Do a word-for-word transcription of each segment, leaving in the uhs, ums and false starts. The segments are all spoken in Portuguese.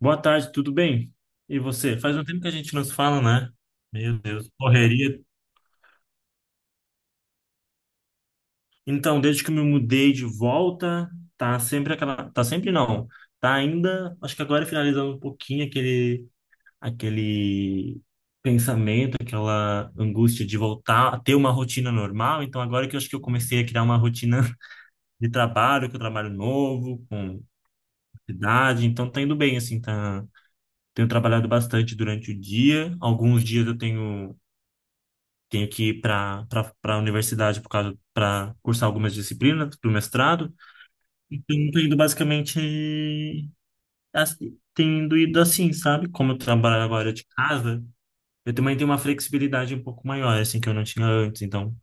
Boa tarde, tudo bem? E você? Faz um tempo que a gente não se fala, né? Meu Deus, correria. Então, desde que eu me mudei de volta, tá sempre aquela, tá sempre não. Tá ainda, acho que agora finalizando um pouquinho aquele aquele pensamento, aquela angústia de voltar a ter uma rotina normal. Então, agora que eu acho que eu comecei a criar uma rotina de trabalho, com trabalho novo, com cidade, então tá indo bem assim, tá. Tenho trabalhado bastante durante o dia. Alguns dias eu tenho tenho que ir para a universidade por causa para cursar algumas disciplinas do mestrado. Então, eu tô indo basicamente assim, tendo ido assim, sabe? Como eu trabalho agora de casa, eu também tenho uma flexibilidade um pouco maior, assim, que eu não tinha antes. Então,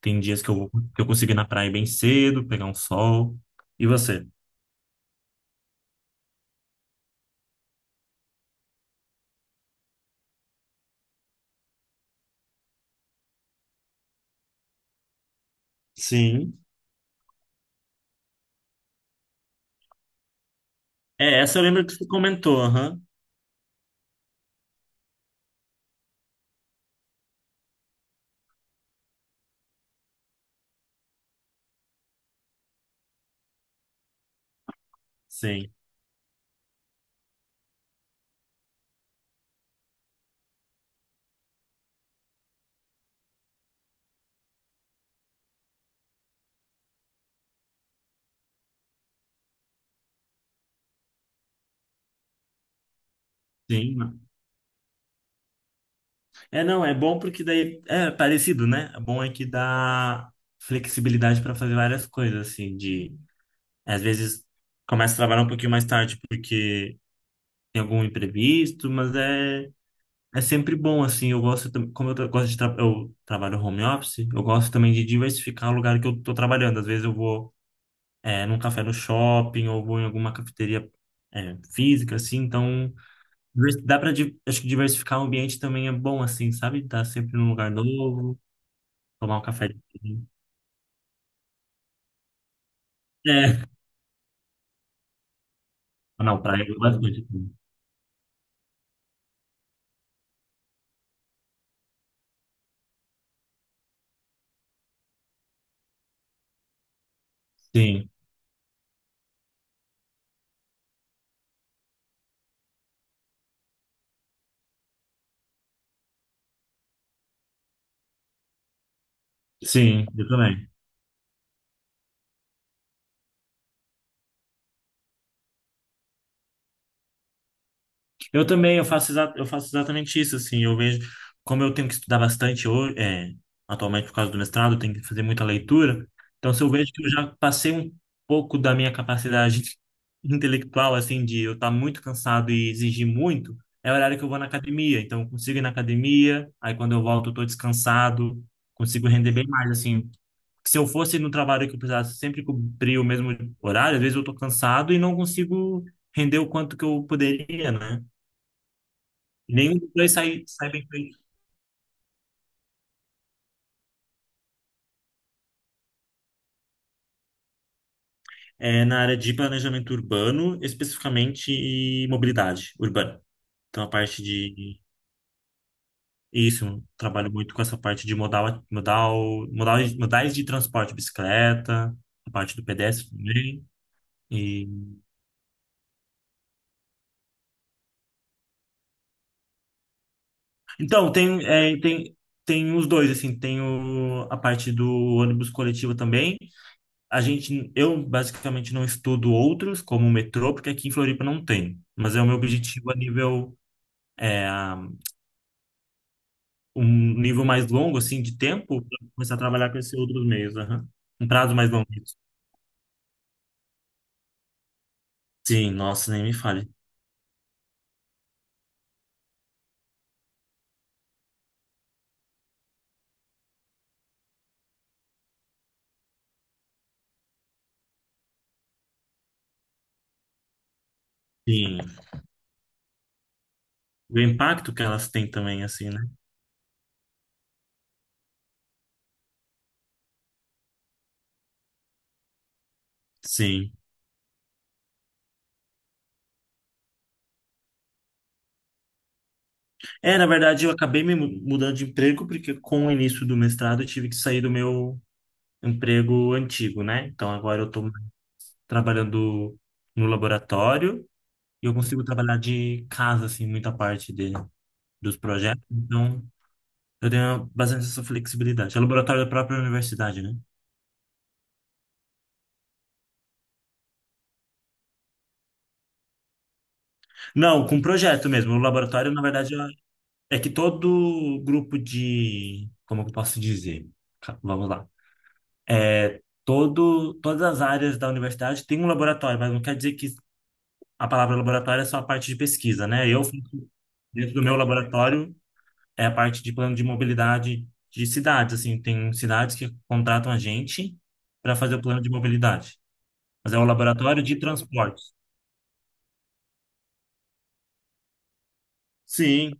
tem dias que eu vou, que eu consigo ir na praia bem cedo, pegar um sol. E você? Sim. É, essa eu lembro que você comentou, aham. Sim. Sim. É, não, é bom porque daí é parecido, né? É bom é que dá flexibilidade para fazer várias coisas, assim, de às vezes começa a trabalhar um pouquinho mais tarde porque tem algum imprevisto, mas é é sempre bom, assim. Eu gosto, tam- como eu tra- gosto de tra eu trabalho home office, eu gosto também de diversificar o lugar que eu tô trabalhando. Às vezes eu vou é, num café no shopping ou vou em alguma cafeteria é, física, assim. Então divers- dá para acho que diversificar o ambiente também é bom, assim, sabe? Tá sempre num lugar novo. Tomar um café de manhã. É. Ah, não, praia eu gosto bastante, assim. Sim, sim, eu também. Eu também, eu faço, exa- eu faço exatamente isso, assim. Eu vejo, como eu tenho que estudar bastante hoje, é, atualmente por causa do mestrado, eu tenho que fazer muita leitura. Então, se eu vejo que eu já passei um pouco da minha capacidade intelectual, assim, de eu estar muito cansado e exigir muito, é o horário que eu vou na academia. Então, eu consigo ir na academia, aí quando eu volto, eu estou descansado, consigo render bem mais, assim, se eu fosse no trabalho que eu precisasse sempre cumprir o mesmo horário, às vezes eu tô cansado e não consigo render o quanto que eu poderia, né? Nenhum dos dois sai, sai bem feito. É, na área de planejamento urbano, especificamente e mobilidade urbana. Então, a parte de... Isso, eu trabalho muito com essa parte de modal, modal, modal, modais de transporte, bicicleta, a parte do pedestre também. E... Então, tem, é, tem, tem os dois, assim, tem o, a parte do ônibus coletivo também. A gente, eu basicamente não estudo outros, como o metrô, porque aqui em Floripa não tem. Mas é o meu objetivo a nível, é, um nível mais longo, assim, de tempo, pra começar a trabalhar com esses outros meios, aham. Um prazo mais longo. Sim, nossa, nem me fale. Sim. O impacto que elas têm também, assim, né? Sim. É, na verdade, eu acabei me mu- mudando de emprego porque com o início do mestrado eu tive que sair do meu emprego antigo, né? Então agora eu tô trabalhando no laboratório. E eu consigo trabalhar de casa, assim, muita parte de, dos projetos. Então, eu tenho bastante essa flexibilidade. É laboratório da própria universidade, né? Não, com projeto mesmo. O laboratório, na verdade, é é que todo grupo de... Como eu posso dizer? Ca- Vamos lá. É, todo, todas as áreas da universidade tem um laboratório, mas não quer dizer que a palavra laboratório é só a parte de pesquisa, né? Eu faço dentro do meu laboratório é a parte de plano de mobilidade de cidades, assim, tem cidades que contratam a gente para fazer o plano de mobilidade. Mas é o laboratório de transportes. Sim.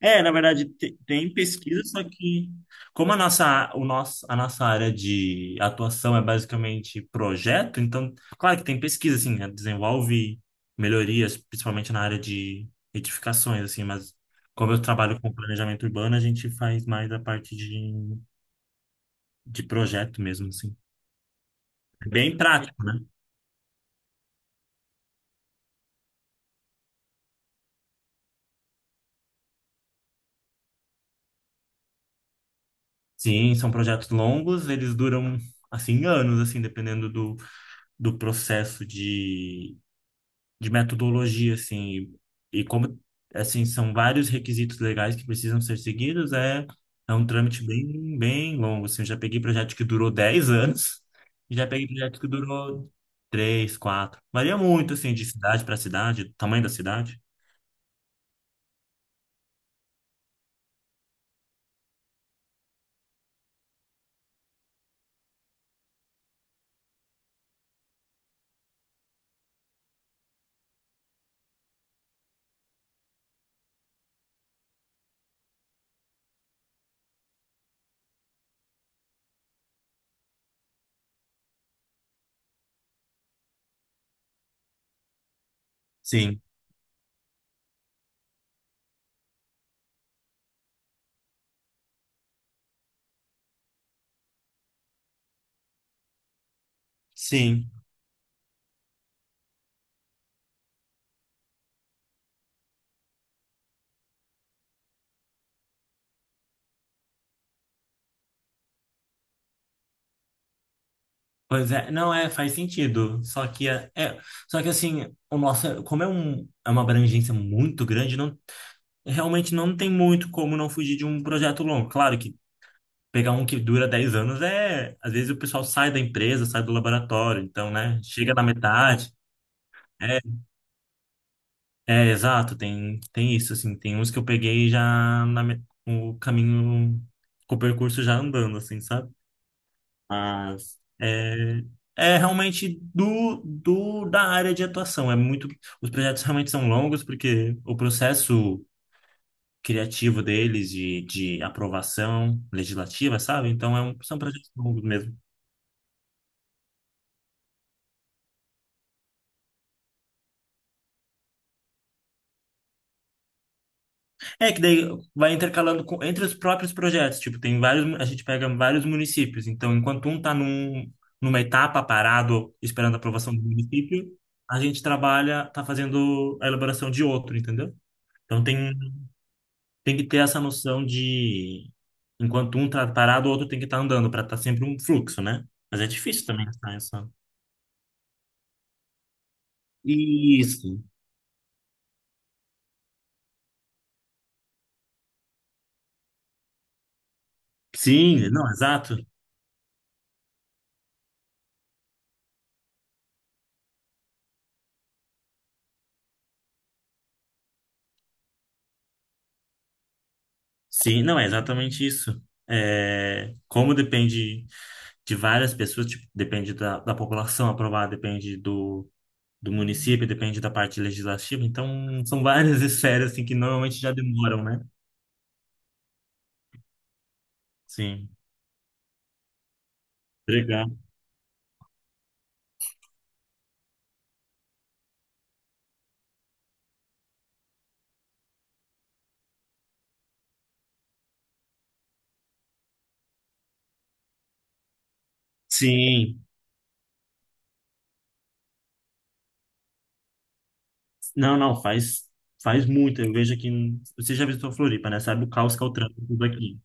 É, na verdade, te- tem pesquisa, só que como a nossa, o nosso, a nossa área de atuação é basicamente projeto, então, claro que tem pesquisa, assim, né? Desenvolve melhorias, principalmente na área de edificações, assim, mas como eu trabalho com planejamento urbano, a gente faz mais a parte de, de projeto mesmo, assim. Bem prático, né? Sim, são projetos longos, eles duram, assim, anos, assim, dependendo do, do processo de, de metodologia, assim. E, e como, assim, são vários requisitos legais que precisam ser seguidos, é, é um trâmite bem, bem longo, assim. Eu já peguei projeto que durou dez anos e já peguei projeto que durou três, quatro. Varia muito, assim, de cidade para cidade, tamanho da cidade. Sim, sim. Pois é, não é, faz sentido. Só que é, é- só que assim, o nosso, como é um, é uma abrangência muito grande, não, realmente não tem muito como não fugir de um projeto longo. Claro que pegar um que dura dez anos é, às vezes o pessoal sai da empresa, sai do laboratório, então, né, chega na metade. É, é exato, tem tem isso assim, tem uns que eu peguei já na me- o caminho, com o percurso já andando assim, sabe? Mas é, é realmente do, do da área de atuação. É muito, os projetos realmente são longos porque o processo criativo deles de, de aprovação legislativa, sabe? Então é um- são projetos longos mesmo. É que daí vai intercalando com- entre os próprios projetos. Tipo, tem vários, mu- a gente pega vários municípios. Então, enquanto um está num, numa etapa parado esperando a aprovação do município, a gente trabalha, está fazendo a elaboração de outro, entendeu? Então tem tem que ter essa noção de enquanto um tá parado, o outro tem que estar andando para estar sempre um fluxo, né? Mas é difícil também tá, essa. Isso. Sim, não, exato. Sim, não, é exatamente isso. É, como depende de várias pessoas, tipo, depende da, da população aprovada depende do, do município, depende da parte legislativa. Então, são várias esferas assim, que normalmente já demoram, né? Sim. Obrigado. Sim, não, não, faz, faz muito. Eu vejo aqui. em- Você já visitou Floripa, né? Sabe o caos que é o trânsito daqui.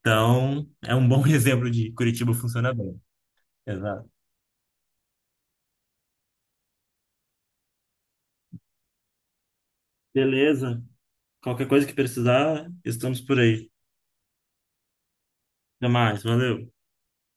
Então, é um bom exemplo de Curitiba funciona bem. Exato. Beleza. Qualquer coisa que precisar, estamos por aí. Até mais. Valeu.